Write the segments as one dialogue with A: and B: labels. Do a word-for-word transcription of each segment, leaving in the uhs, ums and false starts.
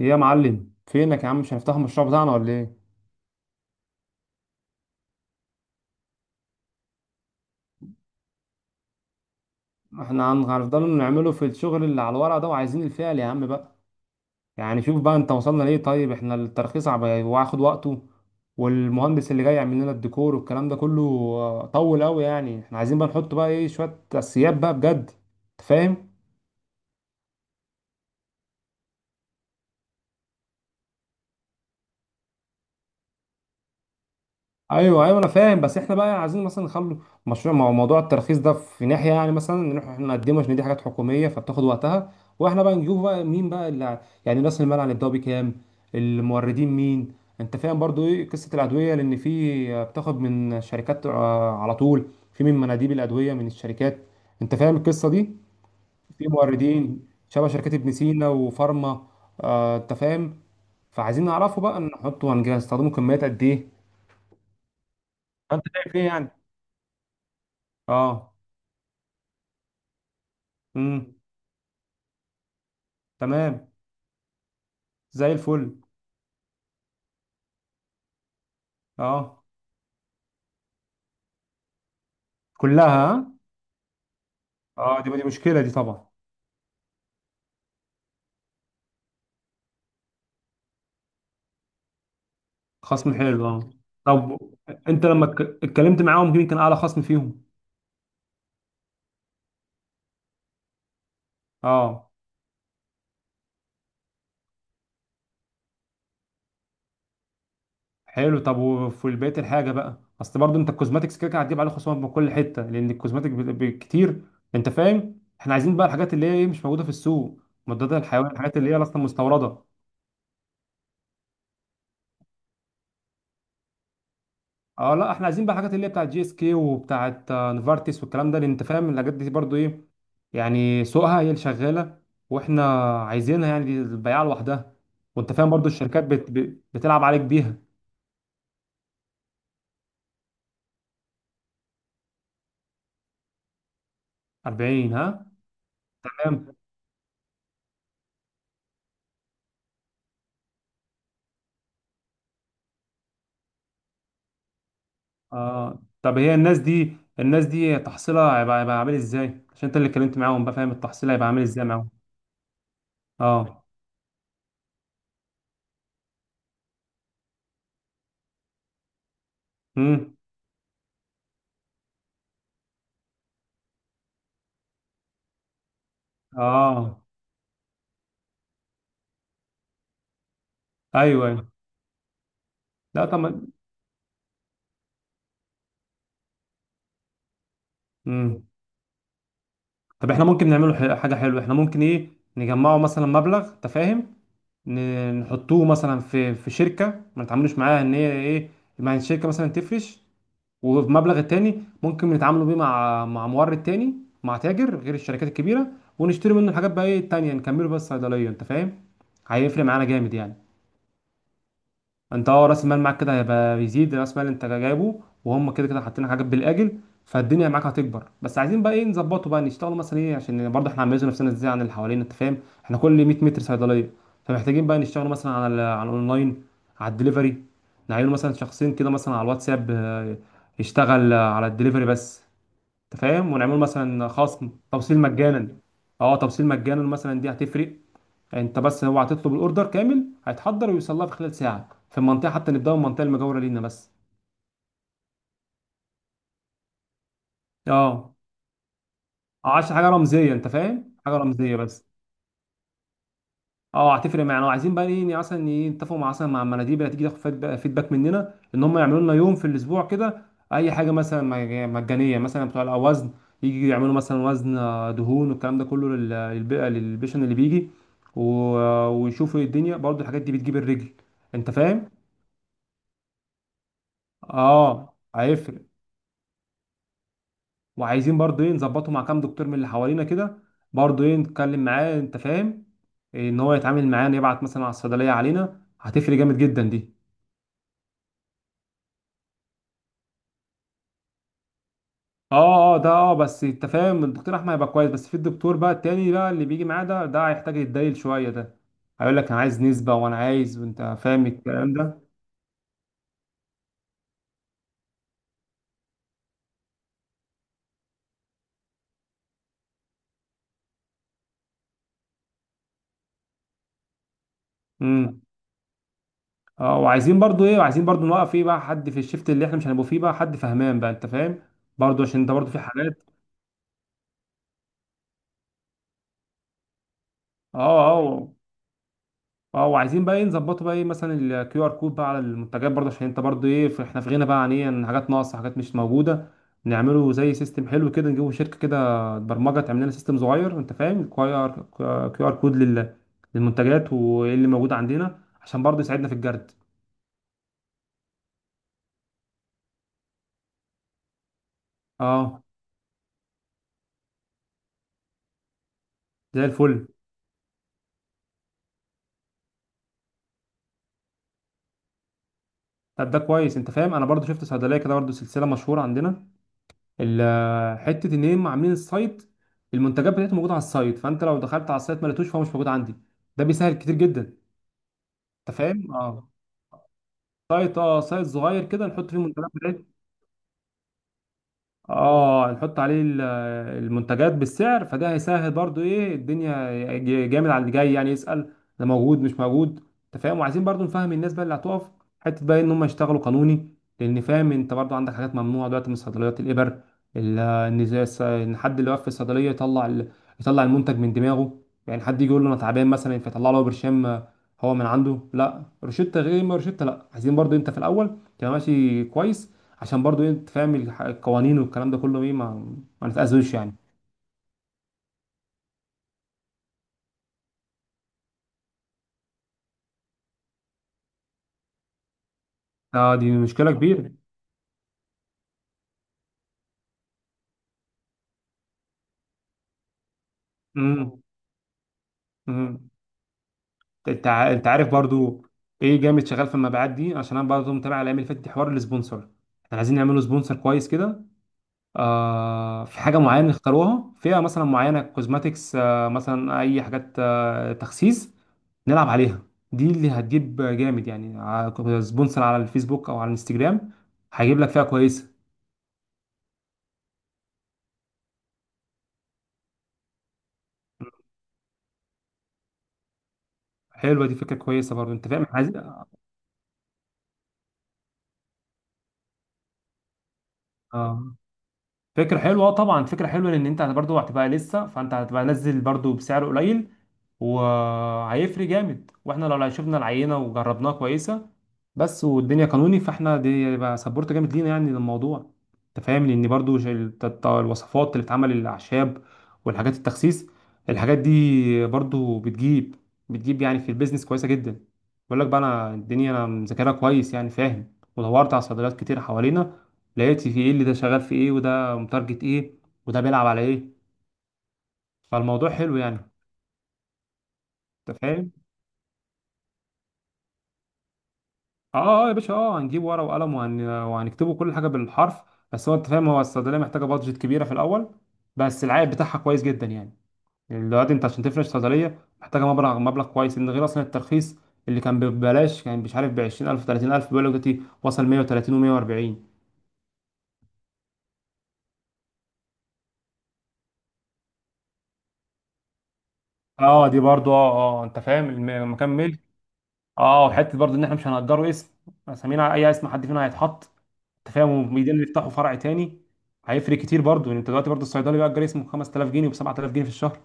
A: ايه يا معلم، فينك يا عم؟ مش هنفتح المشروع بتاعنا ولا ايه؟ احنا هن- هنفضل نعمله في الشغل اللي على الورق ده، وعايزين الفعل يا عم بقى. يعني شوف بقى انت وصلنا ليه. طيب احنا الترخيص عب- واخد وقته، والمهندس اللي جاي يعمل لنا الديكور والكلام ده كله آه، طول قوي. يعني احنا عايزين بقى نحط بقى ايه شوية اساسيات بقى بجد. انت فاهم؟ ايوه ايوه، انا فاهم، بس احنا بقى عايزين مثلا نخلو مشروع مع موضوع الترخيص ده في ناحيه. يعني مثلا نروح احنا نقدمه عشان دي حاجات حكوميه فبتاخد وقتها، واحنا بقى نجيبه بقى مين بقى اللي ع- يعني راس المال هنبداه بكام؟ الموردين مين؟ انت فاهم برضو ايه قصه الادويه؟ لان في بتاخد من شركات آه، على طول، في من مناديب الادويه من الشركات. انت فاهم القصه دي؟ في موردين شبه شركات ابن سينا وفارما آه، انت فاهم. فعايزين نعرفه بقى نحطه، هنجهز هنستخدمه كميات قد ايه؟ انت شايف ايه يعني؟ اه. امم. تمام. زي الفل. اه، كلها ها؟ اه، دي دي مشكله دي طبعا. خصم حلو اه. طب انت لما اتك- اتكلمت معاهم، مين كان اعلى خصم فيهم؟ اه، حلو. طب وفي بقيه الحاجه بقى؟ اصل برضو انت الكوزماتكس كده كده هتجيب عليه خصومات من كل حته لان الكوزماتيك كتير. انت فاهم، احنا عايزين بقى الحاجات اللي هي إيه، مش موجوده في السوق، مضادات الحيوان، الحاجات اللي هي اصلا مستورده. اه لا، احنا عايزين بقى الحاجات اللي هي بتاعت جي اس كي وبتاعت آه، نفارتس والكلام ده، لان انت فاهم الحاجات دي برضو ايه، يعني سوقها هي اللي شغاله، واحنا عايزينها، يعني دي البياعه لوحدها. وانت فاهم برضو الشركات بت... بت- بتلعب عليك بيها. اربعين ها؟ تمام. آه. طب هي الناس دي، الناس دي تحصيلها هيبقى هيبقى عامل ازاي؟ عشان انت اللي اتكلمت معاهم بقى، فاهم التحصيل هيبقى عامل ازاي معاهم؟ اه. امم. اه. ايوه ايوه. لا طب ما- امم. طب احنا ممكن نعمله ح- حاجه حلوه. احنا ممكن ايه نجمعه مثلا مبلغ، انت فاهم، ن- نحطوه مثلا في في شركه ما نتعاملوش معاها ان هي ايه، مع الشركه مثلا تفرش، وبمبلغ التاني ممكن نتعاملوا بيه مع مع مورد تاني، مع تاجر غير الشركات الكبيره، ونشتري منه الحاجات بقى ايه التانيه، نكمله بس صيدليه. انت فاهم؟ هيفرق معانا جامد يعني. انت اه، راس المال معاك كده هيبقى بيزيد، راس المال انت جايبه، وهم كده كده حاطين حاجات بالاجل، فالدنيا معاك هتكبر. بس عايزين بقى ايه نظبطه بقى، نشتغل مثلا ايه، عشان برضه احنا عاملين نفسنا ازاي عن اللي حوالينا؟ انت فاهم، احنا كل مية متر صيدليه، فمحتاجين بقى نشتغل مثلا على ال- على الاونلاين، على الدليفري. نعين مثلا شخصين كده مثلا على الواتساب آه، يشتغل آه، على الدليفري بس. انت فاهم؟ ونعمل مثلا خصم توصيل مجانا. اه، توصيل مجانا مثلا، دي هتفرق. انت بس هو هتطلب الاوردر كامل، هيتحضر ويوصل لها في خلال ساعه في المنطقه، حتى نبداوا من المنطقه المجاوره لينا بس. اه، عشان حاجه رمزيه، انت فاهم، حاجه رمزيه بس. اه، هتفرق معانا. وعايزين بقى ايه يعني مثلا ايه، نتفقوا مع مثلا مع المناديب اللي هتيجي تاخد فيدبا- فيدباك مننا ان هم يعملوا لنا يوم في الاسبوع كده، اي حاجه مثلا مج- مجانيه، مثلا بتوع الاوزن، يجي يعملوا مثلا وزن آه، دهون والكلام ده كله لل- للب- للبيشن اللي بيجي، و- ويشوفوا إيه الدنيا، برضو الحاجات دي بتجيب الرجل. انت فاهم؟ اه هيفرق. وعايزين برضو ايه نظبطه مع كام دكتور من اللي حوالينا كده، برضو ايه نتكلم معاه، انت فاهم إيه، ان هو يتعامل معانا يبعت مثلا على الصيدليه علينا، هتفرق جامد جدا دي. اه اه، ده اه، بس انت فاهم الدكتور احمد هيبقى كويس، بس في الدكتور بقى التاني بقى اللي بيجي معاه ده، ده هيحتاج يتدايل شويه ده، هيقول لك انا عايز نسبه وانا عايز، وانت فاهم الكلام ده. امم. اه، وعايزين برضو ايه، وعايزين برضو نوقف ايه بقى حد في الشفت اللي احنا مش هنبقوا فيه، بقى حد فهمان بقى، انت فاهم، برضو عشان انت برضو في حالات. اه اه اه. وعايزين بقى ايه نظبطه بقى ايه، مثلا الكيو ار كود بقى على المنتجات برضه، عشان انت برضه ايه ف- احنا في غنى بقى عن ايه، عن حاجات ناقصه، حاجات مش موجوده. نعمله زي سيستم حلو كده، نجيبه شركه كده برمجه تعمل لنا سيستم صغير، انت فاهم، كيو ار كيو ار كود لل- للمنتجات وايه اللي موجود عندنا، عشان برضه يساعدنا في الجرد. اه. زي الفل. طب ده كويس، انت فاهم انا برضه شفت صيدليه كده، برضه سلسله مشهوره عندنا، ال- حته ان هم عاملين السايت، المنتجات بتاعتهم موجوده على السايت، فانت لو دخلت على السايت ما لقيتوش، فهو مش موجود عندي. ده بيسهل كتير جدا. انت فاهم؟ اه، سايت اه، سايت صغير كده نحط فيه منتجات بتاعتنا. اه، نحط عليه ال- المنتجات بالسعر، فده هيسهل برضو ايه الدنيا، ج- جامد على اللي جاي يعني يسأل ده موجود مش موجود. انت فاهم؟ وعايزين برضو نفهم الناس بقى اللي هتقف حته بقى ان هم يشتغلوا قانوني، لان فاهم انت برضو عندك حاجات ممنوعه دلوقتي من صيدليات الابر، ال- ان زي الص- ان حد اللي واقف في الصيدليه يطلع ال- يطلع المنتج من دماغه، يعني حد يجي يقول له انا تعبان مثلا فيطلع له برشام آه، هو من عنده، لا روشته غير ما روشته لا. عايزين برضو انت في الاول تبقى ماشي كويس، عشان برضو إيه، انت فاهم الح- القوانين والكلام ده كله ايه، ما ما نتأذوش يعني. اه دي مشكلة كبيرة. امم. امم. انت ع- انت عارف برضو ايه جامد شغال في المبيعات دي، عشان انا برضو متابع الايام اللي فاتت دي حوار السبونسر. احنا عايزين نعمله سبونسر كويس كده، آه في حاجة معينة نختاروها، فئة مثلا معينة كوزماتكس، آه مثلا اي حاجات آه تخسيس، نلعب عليها. دي اللي هتجيب جامد يعني، ع- سبونسر على الفيسبوك او على الانستجرام، هيجيب لك فئة كويسة. حلوة دي، فكرة كويسة برضو، انت فاهم عايز. اه فكرة حلوة، آه، طبعا فكرة حلوة، لأن أنت برضو هتبقى لسه، فأنت هتبقى نزل برضو بسعر قليل، وهيفرق جامد، واحنا لو شفنا العينه وجربناها كويسه، بس والدنيا قانوني، فاحنا دي يبقى سبورت جامد لينا يعني للموضوع. انت فاهم لان برضو ش- الت- الت- الوصفات اللي بتعمل الاعشاب، والحاجات التخسيس، الحاجات دي برضو بتجيب، بتجيب يعني في البيزنس كويسه جدا. بقول لك بقى، انا الدنيا انا مذاكرها كويس يعني، فاهم، ودورت على صيدليات كتير حوالينا، لقيت في ايه اللي ده شغال في ايه، وده متارجت ايه، وده بيلعب على ايه. فالموضوع حلو يعني. انت فاهم؟ اه اه يا باشا، اه هنجيب ورقه وقلم، وهن... وهنكتبه كل حاجه بالحرف. بس هو انت فاهم هو الصيدليه محتاجه بادجت كبيره في الاول، بس العائد بتاعها كويس جدا يعني. يعني دلوقتي انت عشان تفرش صيدليه محتاجه مبلغ، مبلغ كويس ان، غير اصلا الترخيص اللي كان ببلاش، كان مش عارف ب عشرين الف تلاتين الف، بيقول لك دلوقتي وصل ميه وتلاتين و ميه واربعين. اه دي برضو اه. اه انت فاهم الم- المكان. اه وحته برضه ان احنا مش هنأجره اسم، اسامينا اي اسم حد فينا هيتحط. انت فاهم؟ وبيدين يفتحوا فرع تاني، هيفرق كتير برضه يعني. انت دلوقتي برضه الصيدلي بيأجر اسمه ب خمست الاف جنيه وب سبعة الاف جنيه في الشهر.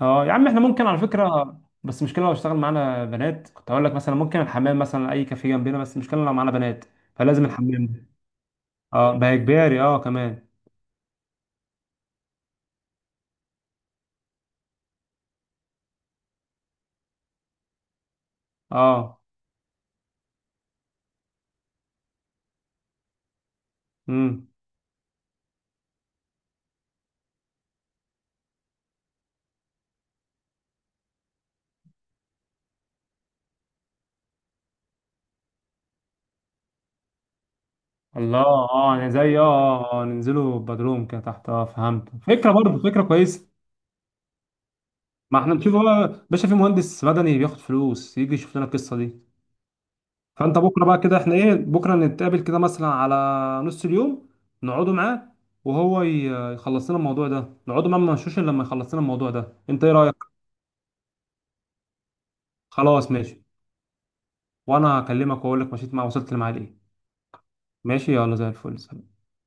A: اه يا عم احنا ممكن على فكره، بس المشكله لو اشتغل معانا بنات، كنت هقول لك مثلا ممكن الحمام مثلا اي كافيه جنبنا، بس المشكله لو معانا بنات، فلازم الحمام ده. اه بقى اجباري اه كمان. اه. امم. الله اه، يعني زي اه آه، آه، ننزله بدروم كده تحت. اه فهمت فكره، برضه فكره كويسه. ما احنا نشوف بقى باشا في مهندس مدني بياخد فلوس، يجي يشوف لنا القصه دي. فانت بكره بقى كده احنا ايه، بكره نتقابل كده مثلا على نص اليوم، نقعدوا معاه، وهو ي- يخلص لنا الموضوع ده، نقعدوا معاه ما نمشوش الا لما يخلص لنا الموضوع ده. انت ايه رايك؟ خلاص ماشي. وانا هكلمك واقول لك مشيت مع، وصلت لمعاه لايه. ماشي يلا، زي الفل.